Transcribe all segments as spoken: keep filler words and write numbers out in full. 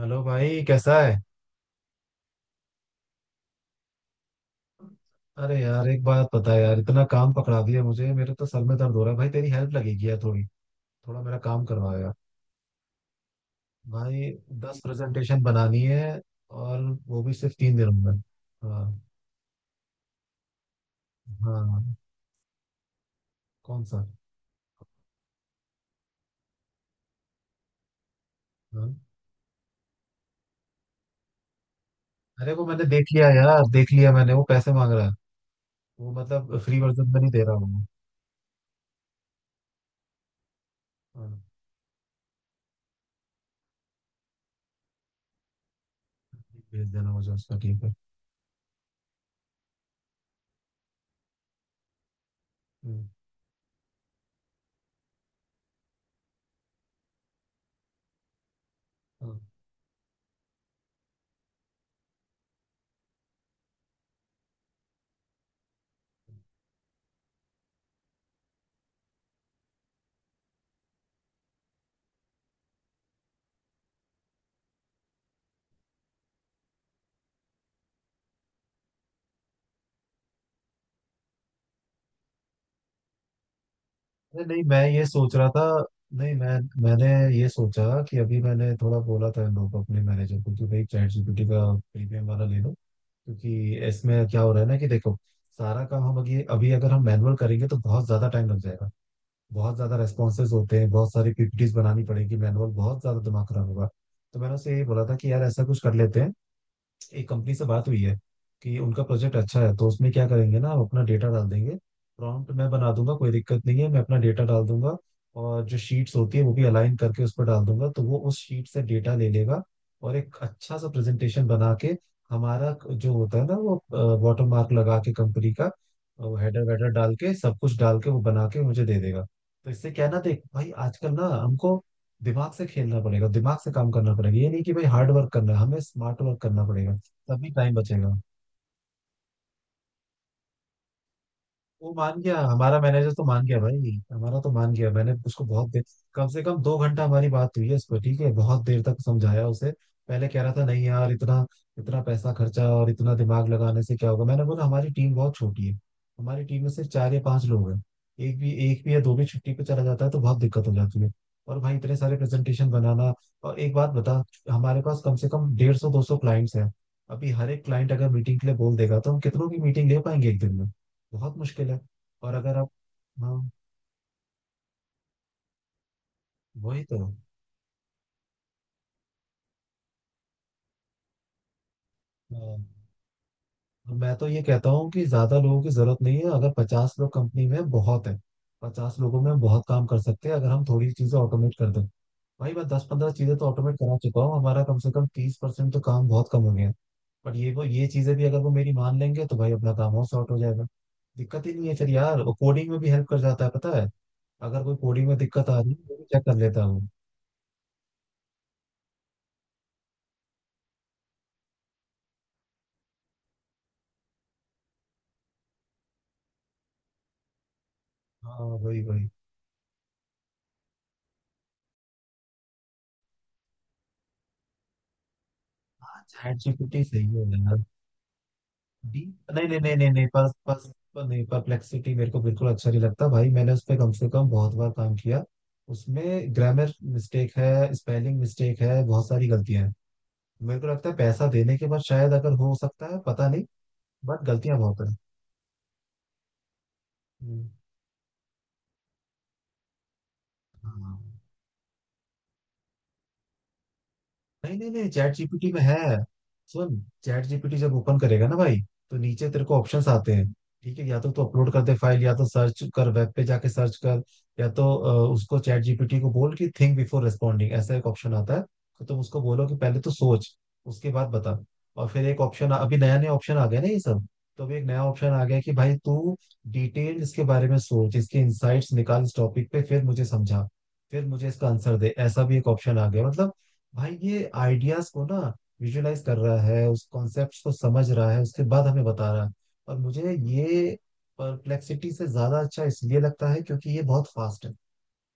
Hello भाई, कैसा है। अरे यार, एक बात पता है यार, इतना काम पकड़ा दिया मुझे, मेरे तो सर में दर्द हो रहा है। भाई तेरी हेल्प लगेगी यार थोड़ी। थोड़ा मेरा काम करवाओ यार। भाई, दस प्रेजेंटेशन बनानी है। और वो भी सिर्फ तीन दिनों में। हाँ। हाँ। कौन सा? हाँ। अरे वो मैंने देख लिया यार, देख लिया मैंने। वो पैसे मांग रहा है वो, मतलब फ्री वर्जन में नहीं दे रहा हूँ मैं। हाँ, भेज देना मुझे उसका, ठीक है। हम्म। हाँ। अरे नहीं, मैं ये सोच रहा था। नहीं मैं मैंने ये सोचा कि अभी मैंने थोड़ा बोला था इन लोगों को, अपने मैनेजर को कि भाई चैट जीपीटी का प्रीमियम वाला ले लो। क्योंकि इसमें क्या हो रहा है ना, कि देखो, सारा काम हम अभी अभी अगर हम मैनुअल करेंगे तो बहुत ज्यादा टाइम लग जाएगा। बहुत ज्यादा रेस्पॉन्सेज होते हैं, बहुत सारी पीपीटीज बनानी पड़ेगी मैनुअल, बहुत ज्यादा दिमाग खराब होगा। तो मैंने उससे यही बोला था कि यार ऐसा कुछ कर लेते हैं। एक कंपनी से बात हुई है कि उनका प्रोजेक्ट अच्छा है, तो उसमें क्या करेंगे ना, हम अपना डेटा डाल देंगे। प्रॉम्प्ट मैं बना दूंगा, कोई दिक्कत नहीं है। मैं अपना डेटा डाल दूंगा, और जो शीट्स होती है वो भी अलाइन करके उस पर डाल दूंगा, तो वो उस शीट से डेटा ले लेगा। और एक अच्छा सा प्रेजेंटेशन बना के, हमारा जो होता है ना वो, वाटर मार्क लगा के कंपनी का, हेडर वेडर डाल के, सब कुछ डाल के वो बना के मुझे दे देगा। तो इससे क्या है ना, देख भाई, आजकल ना हमको दिमाग से खेलना पड़ेगा, दिमाग से काम करना पड़ेगा। ये नहीं कि भाई हार्ड वर्क करना है, हमें स्मार्ट वर्क करना पड़ेगा। तभी टाइम बचेगा। वो मान गया, हमारा मैनेजर तो मान गया भाई, हमारा तो मान गया। मैंने उसको बहुत देर, कम से कम दो घंटा हमारी बात हुई है उसको, ठीक है, बहुत देर तक समझाया उसे। पहले कह रहा था नहीं यार, इतना इतना पैसा खर्चा और इतना दिमाग लगाने से क्या होगा। मैंने बोला हमारी टीम बहुत छोटी है। हमारी टीम में सिर्फ चार या पांच लोग हैं। एक भी एक भी या दो भी छुट्टी पे चला जाता है तो बहुत दिक्कत हो जाती है। और भाई इतने सारे प्रेजेंटेशन बनाना। और एक बात बता, हमारे पास कम से कम डेढ़ सौ दो सौ क्लाइंट्स हैं। अभी हर एक क्लाइंट अगर मीटिंग के लिए बोल देगा तो हम कितनों की मीटिंग ले पाएंगे एक दिन में? बहुत मुश्किल है। और अगर आप। हाँ। वही तो। हाँ। तो मैं तो ये कहता हूँ कि ज्यादा लोगों की जरूरत नहीं है। अगर पचास लोग कंपनी में बहुत है। पचास लोगों में हम बहुत काम कर सकते हैं अगर हम थोड़ी चीजें ऑटोमेट कर दें। भाई मैं दस पंद्रह चीजें तो ऑटोमेट करा चुका हूँ, हमारा कम से कम तीस परसेंट तो काम बहुत कम हो गया है। बट ये वो ये चीजें भी अगर वो मेरी मान लेंगे तो भाई अपना काम और सॉर्ट हो जाएगा। दिक्कत ही नहीं है फिर यार। वो कोडिंग में भी हेल्प कर जाता है पता है। अगर कोई कोडिंग में दिक्कत आ रही है वो भी चेक कर लेता हूँ। हाँ। वही वही। चैट जीपीटी सही है यार। डीप नहीं, नहीं नहीं नहीं नहीं। पर, पर, पर नहीं, परप्लेक्सिटी मेरे को बिल्कुल अच्छा नहीं लगता भाई। मैंने उस पर कम से कम बहुत बार काम किया। उसमें ग्रामर मिस्टेक है, स्पेलिंग मिस्टेक है, बहुत सारी गलतियां हैं। मेरे को लगता है पैसा देने के बाद शायद, अगर हो सकता है, पता नहीं। बट गलतियां बहुत हैं। हम्म। हाँ। नहीं नहीं नहीं, चैट जीपीटी में है। सुन, चैट जीपीटी जब ओपन करेगा ना भाई, तो नीचे तेरे को ऑप्शंस आते हैं। ठीक है, या तो तू अपलोड कर दे फाइल, या तो सर्च कर, वेब पे जाके सर्च कर। या तो अ, उसको चैट जीपीटी को बोल कि थिंक बिफोर रेस्पॉन्डिंग, ऐसा एक ऑप्शन आता है। तो तुम उसको बोलो कि पहले तो सोच, उसके बाद बता। और फिर एक ऑप्शन, अभी नया नया ऑप्शन आ गया ना ये सब। तो अभी एक नया ऑप्शन आ गया है कि भाई तू डिटेल इसके बारे में सोच, इसके इंसाइट्स निकाल इस टॉपिक पे, फिर मुझे समझा, फिर मुझे इसका आंसर दे। ऐसा भी एक ऑप्शन आ गया मतलब। भाई ये आइडियाज को ना विजुलाइज कर रहा है, उस कॉन्सेप्ट को समझ रहा है, उसके बाद हमें बता रहा है। और मुझे ये परप्लेक्सिटी से ज्यादा अच्छा इसलिए लगता है क्योंकि ये बहुत फास्ट है।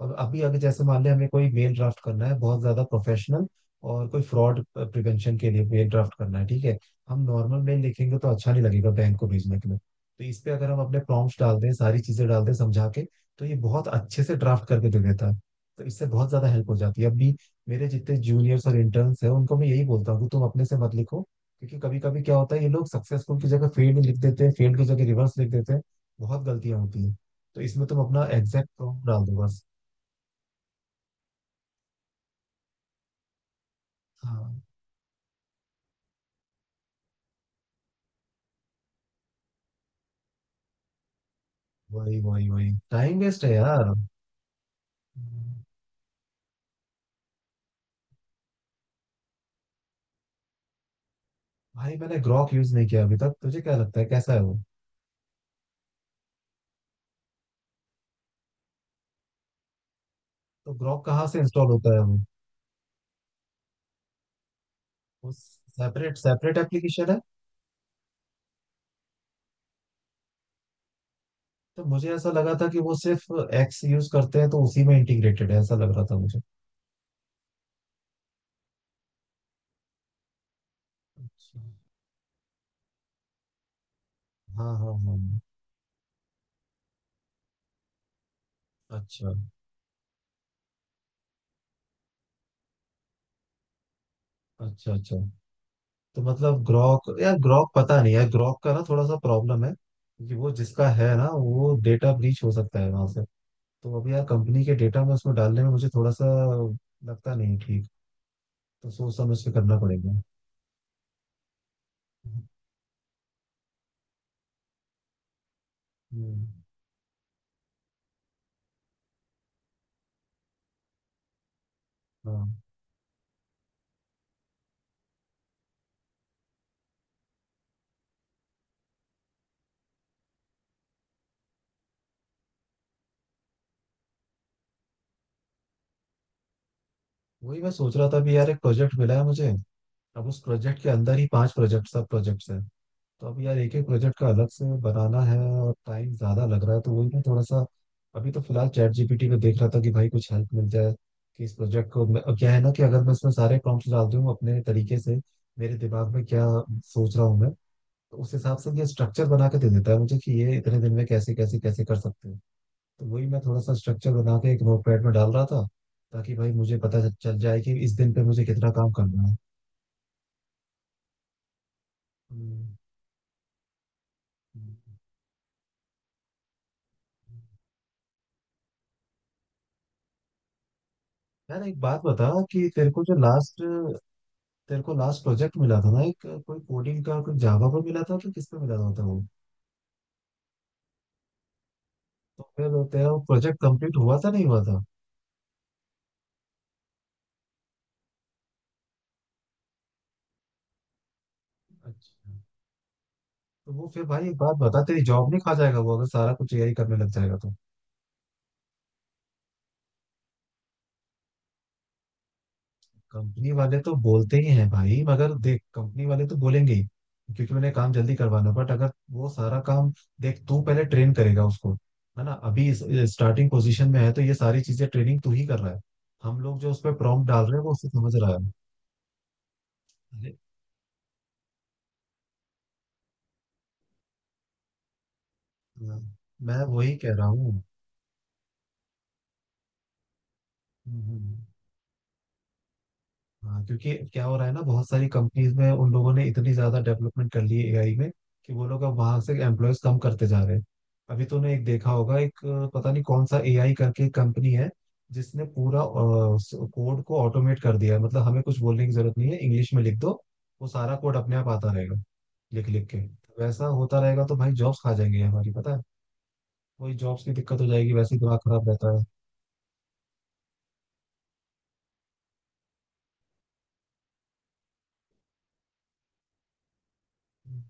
और अभी अगर जैसे मान ले, हमें कोई मेल ड्राफ्ट करना है बहुत ज्यादा प्रोफेशनल, और कोई फ्रॉड प्रिवेंशन के लिए मेल ड्राफ्ट करना है, ठीक है। हम नॉर्मल मेल लिखेंगे तो अच्छा नहीं लगेगा बैंक को भेजने के लिए। तो इस पे अगर हम अपने प्रॉम्प्ट डाल दें, सारी चीजें डाल दें समझा के, तो ये बहुत अच्छे से ड्राफ्ट करके दे देता है। तो इससे बहुत ज्यादा हेल्प हो जाती है। अभी मेरे जितने जूनियर्स और इंटर्न्स हैं उनको मैं यही बोलता हूँ कि तुम अपने से मत लिखो, क्योंकि कभी कभी क्या होता है ये लोग सक्सेसफुल की जगह फेल्ड लिख देते हैं, फेल्ड की जगह रिवर्स लिख देते हैं, बहुत गलतियां होती हैं। तो इसमें तुम अपना एग्जैक्ट प्रॉम्प्ट डाल दो बस। हाँ, वही वही वही। टाइम वेस्ट है यार। भाई मैंने ग्रॉक यूज नहीं किया अभी तक। तुझे क्या लगता है कैसा है वो? तो ग्रॉक कहाँ से इंस्टॉल होता है वो? वो सेपरेट सेपरेट एप्लीकेशन है। तो मुझे ऐसा लगा था कि वो सिर्फ एक्स यूज करते हैं तो उसी में इंटीग्रेटेड है, ऐसा लग रहा था मुझे। अच्छा। हाँ हाँ हाँ। अच्छा। अच्छा। अच्छा, तो मतलब ग्रॉक यार, ग्रॉक पता नहीं यार, ग्रॉक का ना थोड़ा सा प्रॉब्लम है, क्योंकि वो जिसका है ना, वो डेटा ब्रीच हो सकता है वहां से। तो अभी यार कंपनी के डेटा में उसमें डालने में मुझे थोड़ा सा लगता नहीं ठीक, तो सोच समझ के करना पड़ेगा। हम्म। हाँ, वही मैं सोच रहा था। अभी यार एक प्रोजेक्ट मिला है मुझे। अब उस प्रोजेक्ट के अंदर ही पांच प्रोजेक्ट, सब प्रोजेक्ट्स हैं। तो अब यार एक एक प्रोजेक्ट का अलग से बनाना है, और टाइम ज्यादा लग रहा है, तो वही मैं थोड़ा सा। अभी तो फिलहाल चैट जीपीटी में देख रहा था कि भाई कुछ हेल्प मिल जाए, कि इस प्रोजेक्ट को मैं, अब क्या है ना कि अगर मैं इसमें सारे प्रॉम्प्ट्स डाल दूं अपने तरीके से, मेरे दिमाग में क्या सोच रहा हूँ मैं। तो उस हिसाब से ये स्ट्रक्चर बना के दे देता है मुझे कि ये इतने दिन में कैसे कैसे कैसे कर सकते हैं। तो वही मैं थोड़ा सा स्ट्रक्चर बना के एक नोटपैड में डाल रहा था, ताकि भाई मुझे पता चल जाए कि इस दिन पे मुझे कितना काम करना है। हम्म। हम्म। यार एक बात बता कि तेरे को जो लास्ट तेरे को लास्ट प्रोजेक्ट मिला था ना, एक कोई कोडिंग का, कोई जावा पे मिला था कि किस पे मिला था वो? तो फिर तेरा वो प्रोजेक्ट कंप्लीट हुआ था नहीं हुआ था? अच्छा, तो वो फिर भाई एक बात बता, तेरी जॉब नहीं खा जाएगा वो अगर सारा कुछ यही करने लग जाएगा तो? कंपनी वाले तो बोलते ही हैं भाई, मगर देख, कंपनी वाले तो बोलेंगे ही क्योंकि उन्हें काम जल्दी करवाना। बट अगर वो सारा काम, देख, तू पहले ट्रेन करेगा उसको, है ना। अभी स्टार्टिंग पोजीशन में है, तो ये सारी चीजें ट्रेनिंग तू ही कर रहा है। हम लोग जो उस पर प्रॉम्प्ट डाल रहे हैं वो उससे समझ रहा है। अरे, मैं वही कह रहा हूँ। हाँ। क्योंकि क्या हो रहा है ना, बहुत सारी कंपनीज में उन लोगों ने इतनी ज्यादा डेवलपमेंट कर ली है एआई में कि वो लोग अब वहां से एम्प्लॉयज कम करते जा रहे हैं। अभी तूने एक देखा होगा, एक अ, पता नहीं कौन सा एआई करके कंपनी है, जिसने पूरा कोड को ऑटोमेट कर दिया है, मतलब हमें कुछ बोलने की जरूरत नहीं है, इंग्लिश में लिख दो, वो सारा कोड अपने आप आता रहेगा। लिख लिख के वैसा होता रहेगा, तो भाई जॉब्स खा जाएंगे हमारी, पता है। वही जॉब्स की दिक्कत हो जाएगी, वैसे ही दिमाग खराब रहता है।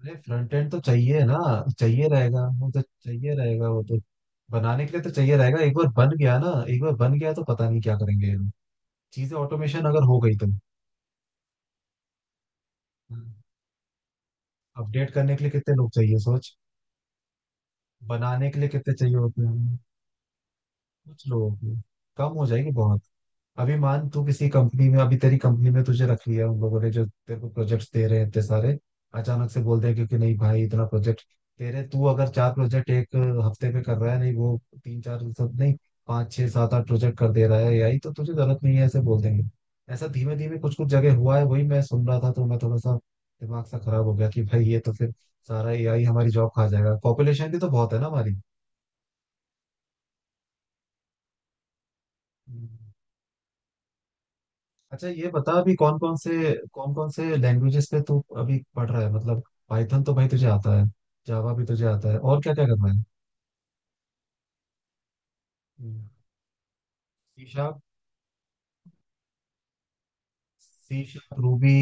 अरे फ्रंट एंड तो चाहिए ना। चाहिए रहेगा वो तो, चाहिए रहेगा वो तो, बनाने के लिए तो चाहिए रहेगा। एक बार बन गया ना, एक बार बन गया तो पता नहीं क्या करेंगे ये लोग। चीजें ऑटोमेशन अगर हो गई तो, अपडेट करने के लिए कितने लोग चाहिए सोच, बनाने के लिए कितने चाहिए होते हैं। कुछ लोगों को। कम हो जाएगी बहुत। अभी मान तू किसी कंपनी में, अभी तेरी कंपनी में तुझे रख लिया उन लोगों ने जो तेरे को प्रोजेक्ट्स दे रहे हैं इतने सारे, अचानक से बोल दिया, क्योंकि नहीं भाई इतना प्रोजेक्ट, तेरे तू अगर चार प्रोजेक्ट एक हफ्ते में कर रहा है, नहीं वो तीन चार सब नहीं पाँच छह सात आठ प्रोजेक्ट कर दे रहा है, यही तो तुझे जरूरत नहीं है ऐसे बोल देंगे। ऐसा धीमे धीमे कुछ कुछ जगह हुआ है, वही मैं सुन रहा था, तो मैं थोड़ा सा दिमाग सा खराब हो गया कि भाई ये तो फिर सारा एआई हमारी जॉब खा जाएगा। पॉपुलेशन भी तो बहुत है ना हमारी। हम्म। अच्छा ये बता अभी कौन कौन से कौन कौन से लैंग्वेजेस पे तू अभी पढ़ रहा है, मतलब पाइथन तो भाई तुझे आता है, जावा भी तुझे आता है, और क्या क्या कर रहा है? C sharp. C sharp, Ruby.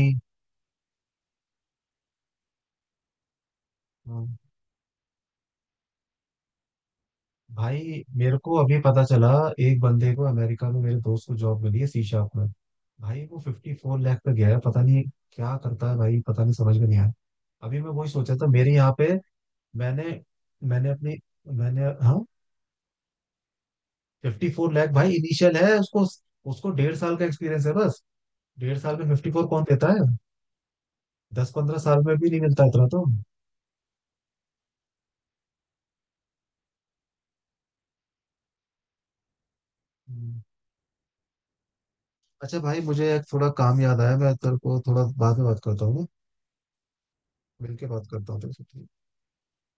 भाई मेरे को अभी पता चला एक बंदे को, अमेरिका में मेरे दोस्त को जॉब मिली है सी शार्प में। भाई वो फिफ्टी फोर लाख पे गया है, पता नहीं क्या करता है भाई, पता नहीं समझ में नहीं आया। अभी मैं वही सोचा था मेरे यहाँ पे। मैंने मैंने अपनी मैंने हाँ, फिफ्टी फोर लैख भाई इनिशियल है उसको। उसको डेढ़ साल का एक्सपीरियंस है बस। डेढ़ साल में फिफ्टी फोर कौन देता है? दस पंद्रह साल में भी नहीं मिलता इतना तो। हम्म। अच्छा भाई, मुझे एक थोड़ा काम याद आया, मैं तेरे को थोड़ा बाद में बात करता हूँ ना? मिलके बात करता हूँ तेरे से, ठीक है?